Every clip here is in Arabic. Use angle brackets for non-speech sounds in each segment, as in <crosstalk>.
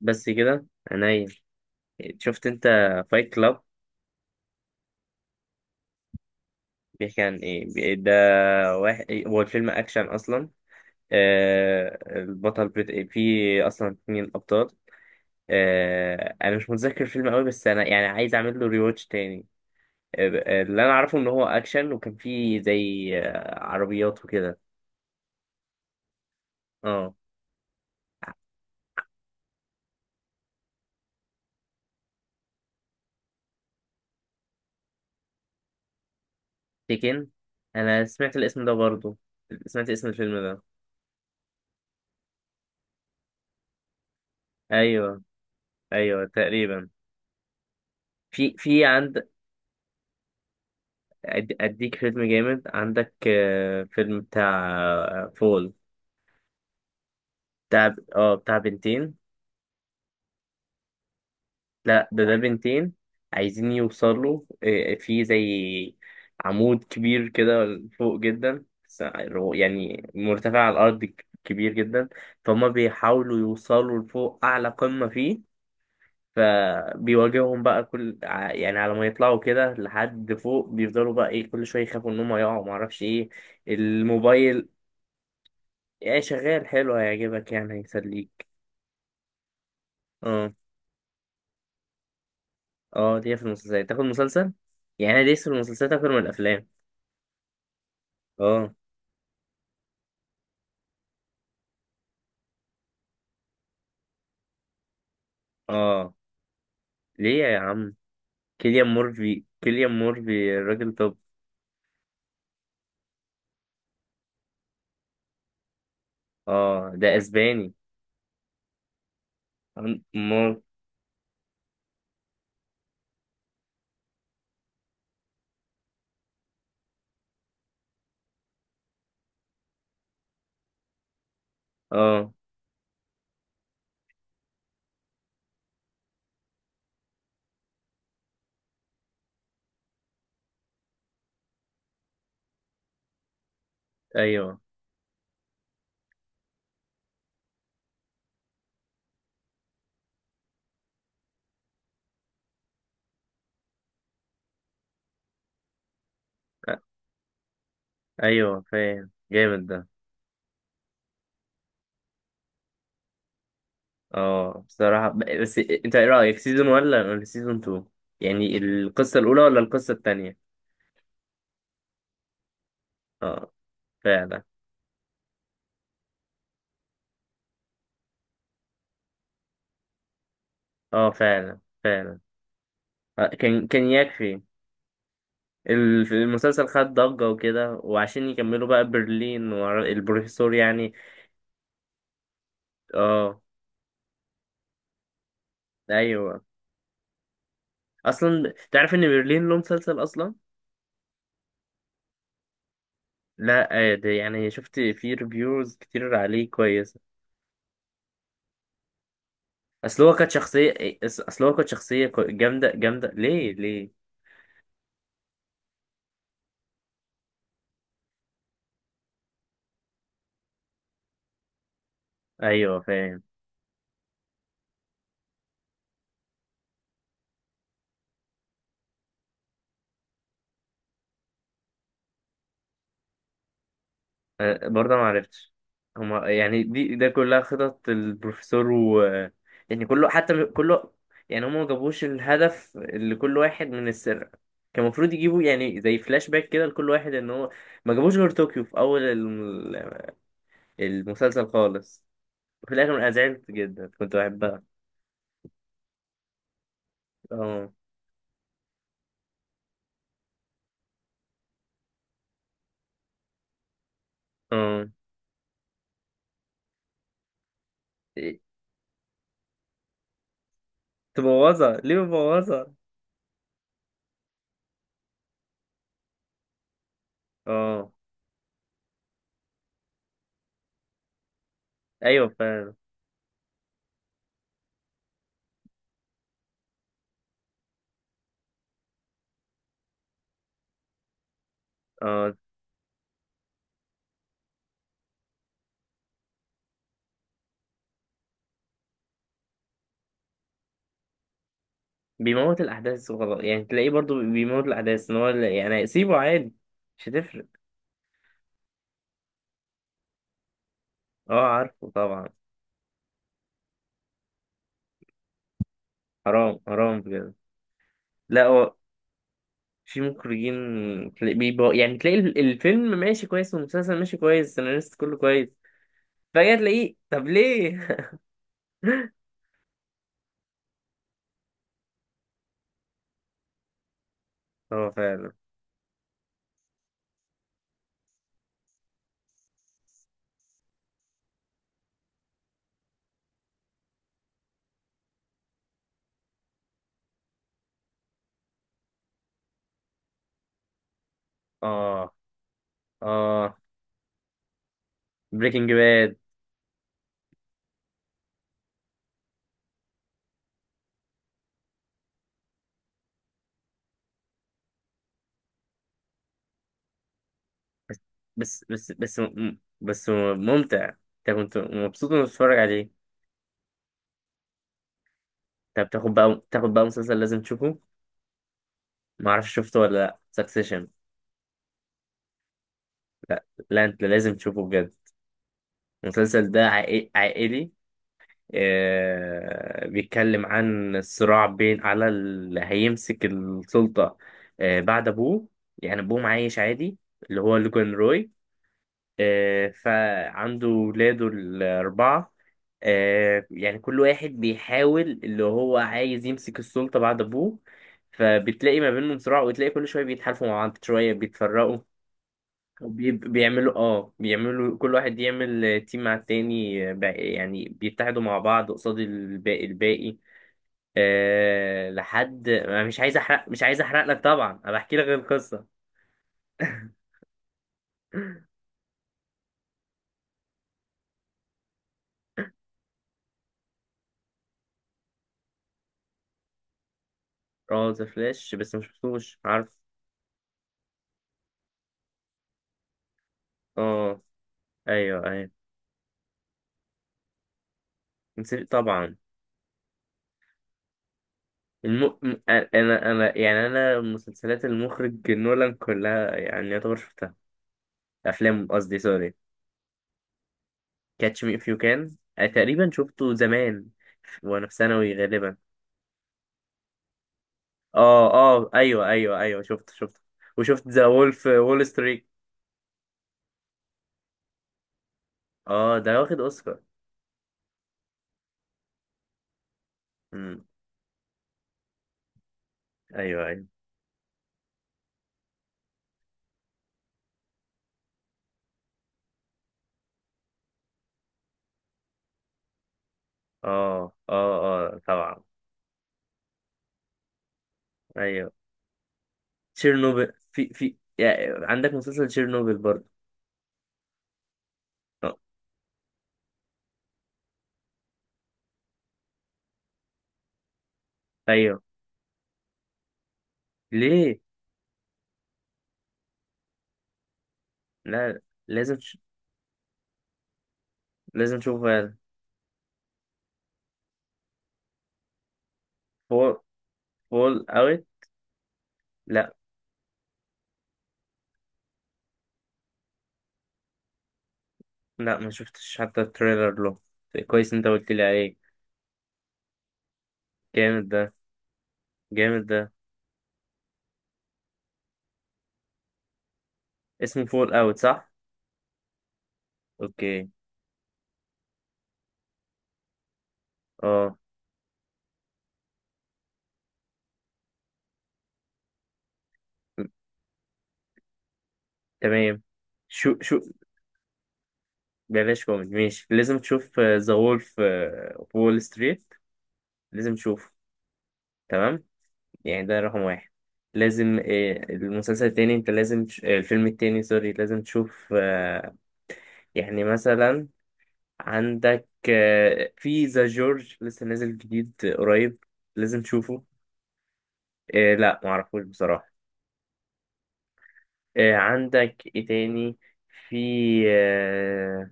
بس كده عينيا. شفت انت فايت كلاب؟ بيحكي عن ايه؟ ده واحد، هو الفيلم اكشن اصلا. البطل في اصلا اتنين ابطال. انا مش متذكر الفيلم قوي، بس انا يعني عايز اعمل له ريواتش تاني. اللي انا اعرفه ان هو اكشن، وكان فيه زي عربيات وكده. اه، تيكن. انا سمعت الاسم ده برضو. سمعت اسم الفيلم ده. ايوه. ايوه تقريبا. في عند. اديك فيلم جامد عندك، فيلم بتاع فول. بتاع بتاع بنتين. لا، ده بنتين. عايزين يوصلوا، في زي عمود كبير كده، فوق جدا يعني مرتفع على الارض، كبير جدا. فهم بيحاولوا يوصلوا لفوق اعلى قمة فيه. فبيواجههم بقى كل يعني على ما يطلعوا كده لحد فوق، بيفضلوا بقى ايه، كل شويه يخافوا ان هم يقعوا، معرفش ايه. الموبايل. يعني شغال حلو، هيعجبك، يعني هيسليك. اه. اه، ليا في المسلسلات، تاخد مسلسل. يعني انا ليا في المسلسلات اكتر من الافلام. اه. اه، ليه يا عم؟ كيليان مورفي الراجل توب. اه. ده اسباني. مور. اه. ايوه. أ- ايوه، فاهم، جامد ده. اه، بصراحة بس انت ايه رأيك، سيزون ولا سيزون 2؟ يعني القصة الأولى ولا القصة التانية؟ اه فعلا، اه، فعلا فعلا. كان يكفي. المسلسل خد ضجة وكده، وعشان يكملوا بقى برلين والبروفيسور يعني. اه. ايوه. اصلا تعرف ان برلين له مسلسل اصلا؟ لا، ده يعني شفت فيه ريفيوز كتير عليه كويسة. اصل هو كانت شخصية اصل هو كانت شخصية جامدة جامدة، ليه ليه؟ ايوه، فاهم. برضه ما عرفتش. هما يعني ده كلها خطط البروفيسور و. يعني كله حتى كله. يعني هما ما جابوش الهدف اللي كل واحد من السرقة. كان المفروض يجيبوا يعني زي فلاش باك كده لكل واحد ان هو. ما جابوش غير طوكيو في اول المسلسل خالص. في الاخر انا زعلت جدا، كنت بحبها. اه. اه. إيه، تبوظها ليه، بتبوظها؟ اه، ايوه، فعلا. اه، بيموت الأحداث وخلاص، يعني تلاقيه برضو بيموت الأحداث، إن هو يعني سيبه عادي. مش هتفرق. أه، عارفه طبعا. حرام حرام بجد. لا هو، في مخرجين. تلاقي بيبقى يعني تلاقي الفيلم ماشي كويس، والمسلسل ماشي كويس، السيناريست كله كويس. فجأة تلاقيه، طب ليه؟ <laughs> هو فعلا. اه. اه، بريكنج باد. بس ممتع، انت كنت مبسوط انك بتتفرج عليه. طب تاخد بقى مسلسل لازم تشوفه. معرفش شفته ولا لأ، سكسيشن. لا لا، انت لازم تشوفه بجد. المسلسل ده عائلي. بيتكلم عن الصراع بين على اللي هيمسك السلطة. بعد أبوه. يعني أبوه عايش عادي، اللي هو لوجان روي. فعنده ولاده الأربعة. يعني كل واحد بيحاول، اللي هو عايز يمسك السلطة بعد أبوه. فبتلاقي ما بينهم صراع، وتلاقي كل شوية بيتحالفوا مع بعض، شوية بيتفرقوا. بيعملوا، بيعملوا كل واحد يعمل تيم مع التاني، يعني بيتحدوا مع بعض قصاد الباقي الباقي. أه لحد، أنا مش عايز احرق لك طبعا، انا بحكي لك القصه. <laughs> اه، ذا فلاش، بس ما شفتوش عارف. اه، ايوه، ايوه. نسيت طبعا. انا يعني انا مسلسلات المخرج نولان كلها يعني يعتبر شفتها. افلام قصدي، سوري. كاتش مي اف يو كان تقريبا شفته زمان، وانا في ثانوي غالبا. اه اه، ايوه ايوه ايوه، شفته شفته. وشفت ذا وولف وول ستريت. اه، ده واخد اوسكار. امم. ايوه ايوه. اه اه. اه طبعا. ايوه. تشيرنوبل في يعني عندك مسلسل تشيرنوبل برضه. آه، ايوه. ليه؟ لا، لازم لازم تشوفه فعلا. فول، فول اوت. لا لا، ما شفتش حتى التريلر له. كويس انت قلت لي عليه. جامد ده، جامد ده. اسمه فول اوت، صح؟ اوكي. اه. تمام. شو بلاش كوميدي، ماشي، لازم تشوف ذا وولف وول ستريت. لازم تشوفه. تمام، يعني ده رقم واحد. لازم، المسلسل التاني، انت لازم تش... آه، الفيلم التاني، سوري، لازم تشوف، يعني مثلا، عندك في ذا جورج لسه نازل جديد، قريب، لازم تشوفه. لا، معرفوش بصراحة. عندك ايه تاني؟ في، آه،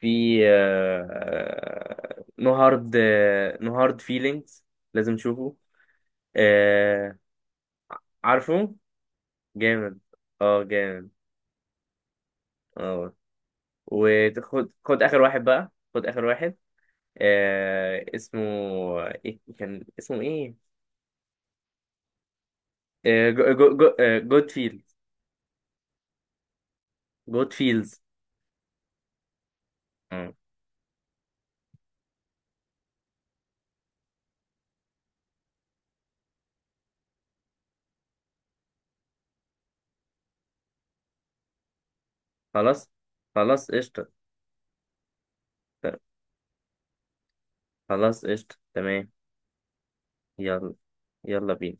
في نو هارد، نو هارد فيلينجز، لازم تشوفه. آه، عارفه، جامد، اه، جامد، اه. وخد خد اخر واحد بقى، خد اخر واحد. اسمه ايه، كان اسمه ايه؟ جو جود فيلد، جود فيلز آه. خلاص، خلاص قشطة. خلاص قشطة، تمام. يلا، يلا بينا.